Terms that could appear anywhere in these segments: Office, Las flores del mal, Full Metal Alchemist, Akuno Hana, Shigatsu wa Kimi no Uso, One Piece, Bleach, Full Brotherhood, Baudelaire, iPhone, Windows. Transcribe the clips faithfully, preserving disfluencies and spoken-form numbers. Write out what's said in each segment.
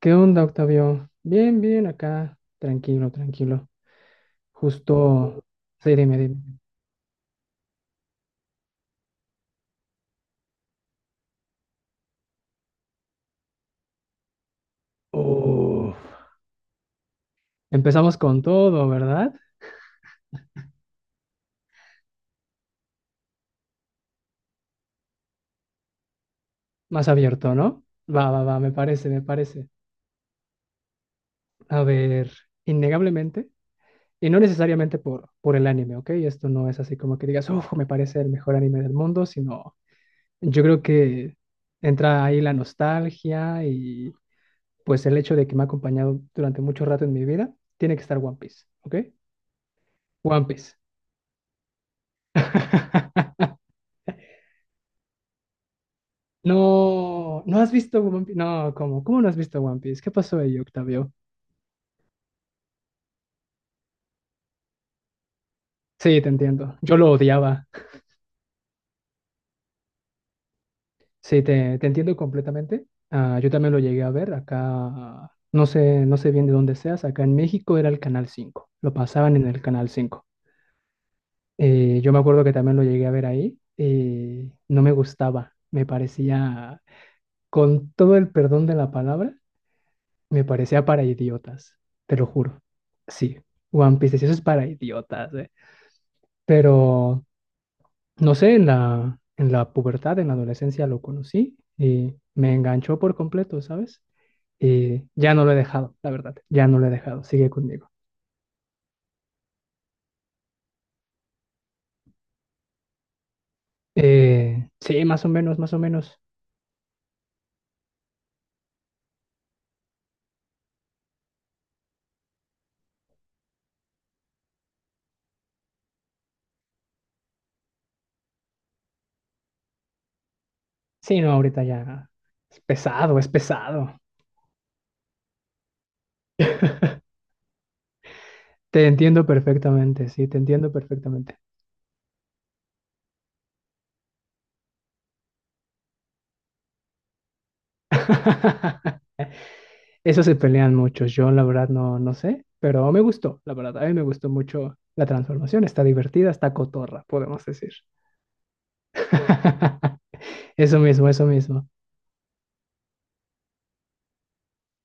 ¿Qué onda, Octavio? Bien, bien, acá. Tranquilo, tranquilo. Justo. Sí, dime, dime. Uf. Empezamos con todo, ¿verdad? Más abierto, ¿no? Va, va, va, me parece, me parece. A ver, innegablemente, y no necesariamente por, por el anime, ¿ok? Esto no es así como que digas, uf, me parece el mejor anime del mundo, sino yo creo que entra ahí la nostalgia y pues el hecho de que me ha acompañado durante mucho rato en mi vida, tiene que estar One Piece, ¿ok? One Piece. No, no has visto One Piece. No, ¿cómo? ¿Cómo no has visto One Piece? ¿Qué pasó ahí, Octavio? Sí, te entiendo. Yo lo odiaba. Sí, te, te entiendo completamente. Ah, yo también lo llegué a ver acá. No sé, no sé bien de dónde seas. Acá en México era el Canal cinco. Lo pasaban en el Canal cinco. Eh, yo me acuerdo que también lo llegué a ver ahí. eh, no me gustaba. Me parecía, con todo el perdón de la palabra, me parecía para idiotas, te lo juro. Sí, One Piece, sí, eso es para idiotas, ¿eh? Pero, no sé, en la, en la pubertad, en la adolescencia lo conocí y me enganchó por completo, ¿sabes? Y ya no lo he dejado, la verdad, ya no lo he dejado, sigue conmigo. Eh, sí, más o menos, más o menos. Sí, no, ahorita ya es pesado, es pesado. Te entiendo perfectamente, sí, te entiendo perfectamente. Eso se pelean muchos. Yo la verdad no, no sé, pero me gustó, la verdad. A mí me gustó mucho la transformación. Está divertida, está cotorra, podemos decir. Eso mismo, eso mismo.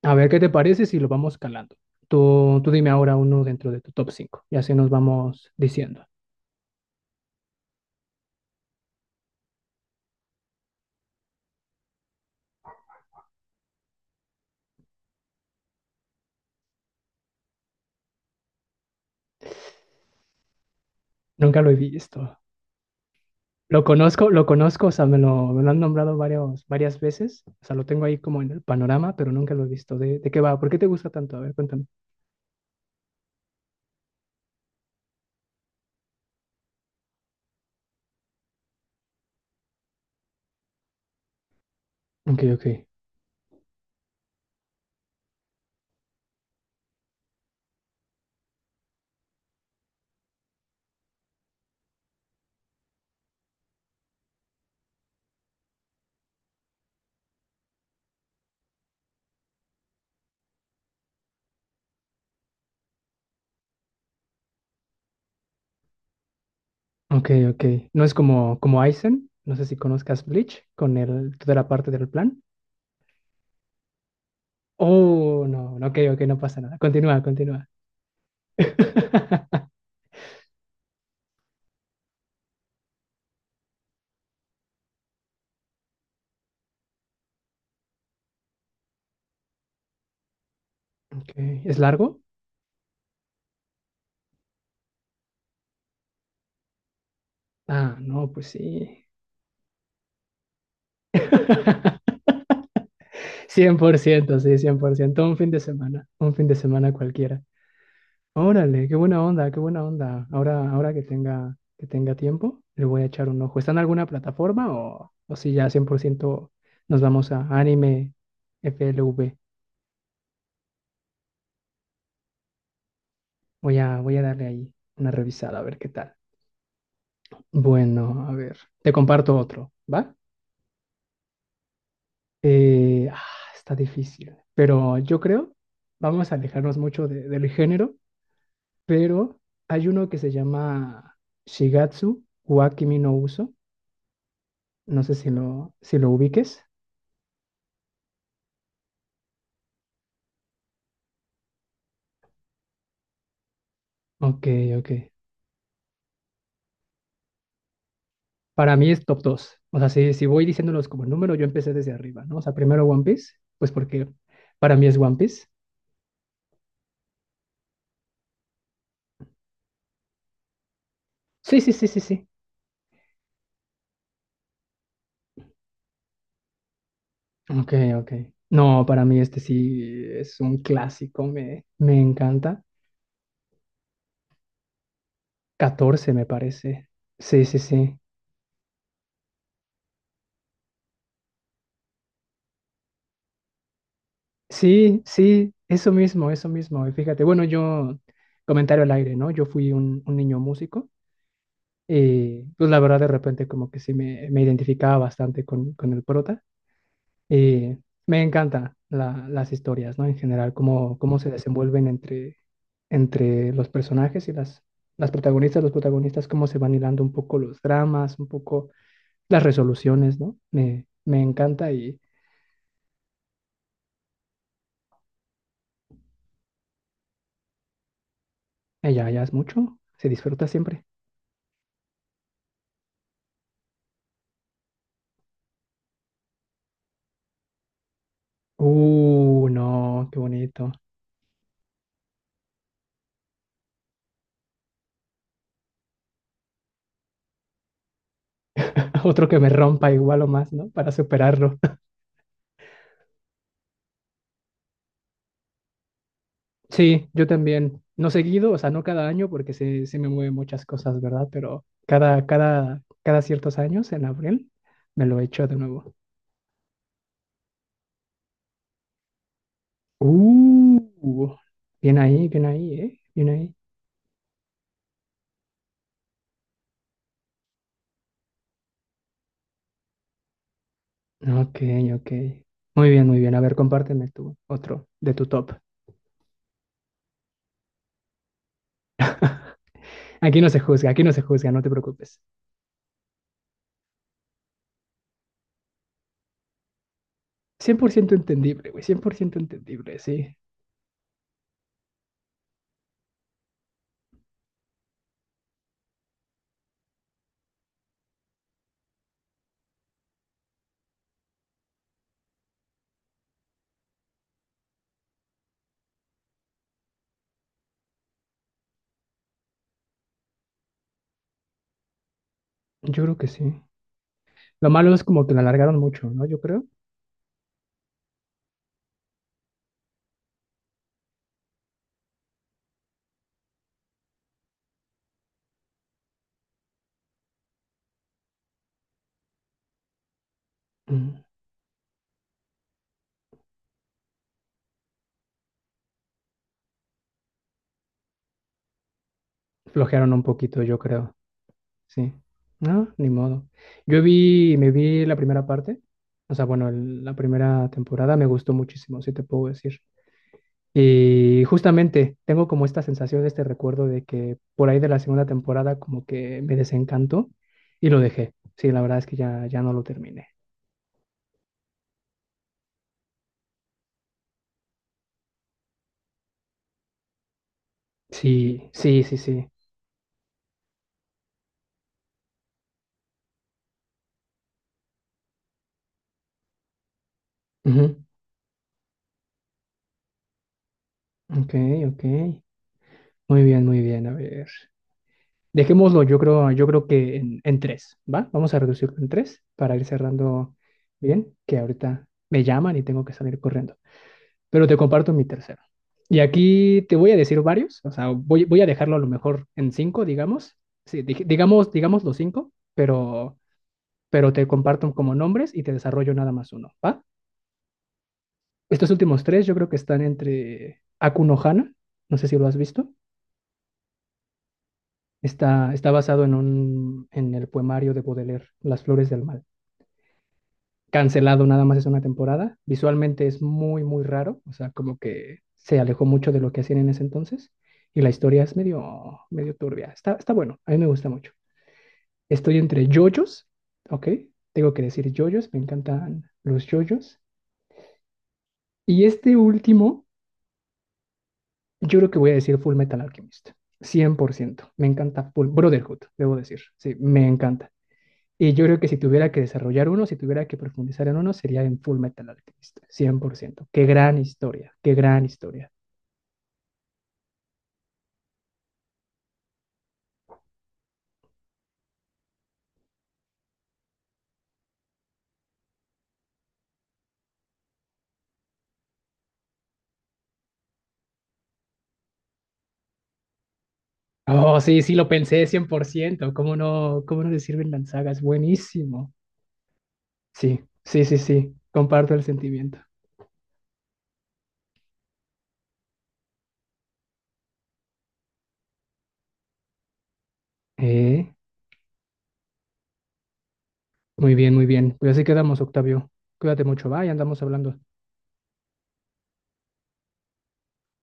A ver qué te parece si lo vamos calando. Tú, tú dime ahora uno dentro de tu top cinco y así nos vamos diciendo. Nunca lo he visto. Lo conozco, lo conozco, o sea, me lo, me lo han nombrado varios, varias veces. O sea, lo tengo ahí como en el panorama, pero nunca lo he visto. ¿De, de qué va? ¿Por qué te gusta tanto? A ver, cuéntame. Ok, ok. Ok, ok. No es como, como Aizen, no sé si conozcas Bleach, con el, toda la parte del plan. Oh, no, no, ok, ok, no pasa nada. Continúa, continúa. Ok, ¿es largo? Ah, no, pues sí. Cien por ciento, sí, cien por ciento. Un fin de semana, un fin de semana cualquiera. Órale, qué buena onda, qué buena onda. Ahora, ahora que tenga, que tenga tiempo, le voy a echar un ojo. ¿Está en alguna plataforma o, o si ya cien por ciento nos vamos a anime F L V? Voy a, voy a darle ahí una revisada a ver qué tal. Bueno, a ver, te comparto otro, ¿va? Eh, ah, está difícil, pero yo creo, vamos a alejarnos mucho de- del género, pero hay uno que se llama Shigatsu wa Kimi no Uso. No sé si lo, si lo ubiques. Ok, ok. Para mí es top dos. O sea, si, si voy diciéndolos como número, yo empecé desde arriba, ¿no? O sea, primero One Piece, pues porque para mí es One Piece. Sí, sí, sí, sí, sí. Ok, ok. No, para mí este sí es un clásico, me, me encanta. Catorce me parece. Sí, sí, sí. Sí, sí, eso mismo, eso mismo. Y fíjate, bueno, yo, comentario al aire, ¿no? Yo fui un, un niño músico y pues la verdad de repente como que sí me, me identificaba bastante con, con el prota. Y me encantan la- las historias, ¿no? En general, cómo, cómo se desenvuelven entre, entre los personajes y las, las protagonistas, los protagonistas, cómo se van hilando un poco los dramas, un poco las resoluciones, ¿no? Me, me encanta y ella ya es mucho, se disfruta siempre. Uh, no, qué bonito. Otro que me rompa igual o más, ¿no? Para superarlo. Sí, yo también. No seguido, o sea, no cada año porque se, se me mueven muchas cosas, ¿verdad? Pero cada, cada, cada ciertos años, en abril, me lo echo de nuevo. Uh, bien ahí, bien ahí, ¿eh? Bien ahí. Ok, ok. Muy bien, muy bien. A ver, compárteme tú otro de tu top. Aquí no se juzga, aquí no se juzga, no te preocupes. Cien por ciento entendible, güey, cien por ciento entendible, sí. Yo creo que sí. Lo malo es como que lo alargaron mucho, ¿no? Yo creo. Mm, Flojearon un poquito, yo creo. Sí. No, ni modo. Yo vi, me vi la primera parte, o sea, bueno, el- la primera temporada me gustó muchísimo, si te puedo decir. Y justamente tengo como esta sensación, este recuerdo de que por ahí de la segunda temporada como que me desencantó y lo dejé. Sí, la verdad es que ya, ya no lo terminé. Sí, sí, sí, sí. Ujú. Ok, ok. Muy bien, muy bien. A ver. Dejémoslo, yo creo, yo creo que en, en tres, ¿va? Vamos a reducirlo en tres para ir cerrando bien, que ahorita me llaman y tengo que salir corriendo. Pero te comparto mi tercero. Y aquí te voy a decir varios, o sea, voy, voy a dejarlo a lo mejor en cinco, digamos. Sí, dij- digamos, digamos los cinco, pero, pero te comparto como nombres y te desarrollo nada más uno, ¿va? Estos últimos tres yo creo que están entre Akuno Hana, no sé si lo has visto. Está, está basado en un, en el poemario de Baudelaire, Las flores del mal. Cancelado nada más es una temporada. Visualmente es muy, muy raro, o sea, como que se alejó mucho de lo que hacían en ese entonces y la historia es medio, medio turbia. Está, está bueno, a mí me gusta mucho. Estoy entre yoyos, ¿ok? Tengo que decir yoyos, me encantan los yoyos. Y este último, yo creo que voy a decir Full Metal Alchemist, cien por ciento. Me encanta Full Brotherhood, debo decir. Sí, me encanta. Y yo creo que si tuviera que desarrollar uno, si tuviera que profundizar en uno, sería en Full Metal Alchemist, cien por ciento. Qué gran historia, qué gran historia. Oh, sí, sí, lo pensé cien por ciento. ¿Cómo no, cómo no le sirven las sagas? Buenísimo. Sí, sí, sí, sí. Comparto el sentimiento. Eh, muy bien, muy bien. Pues así quedamos, Octavio. Cuídate mucho, va, y andamos hablando.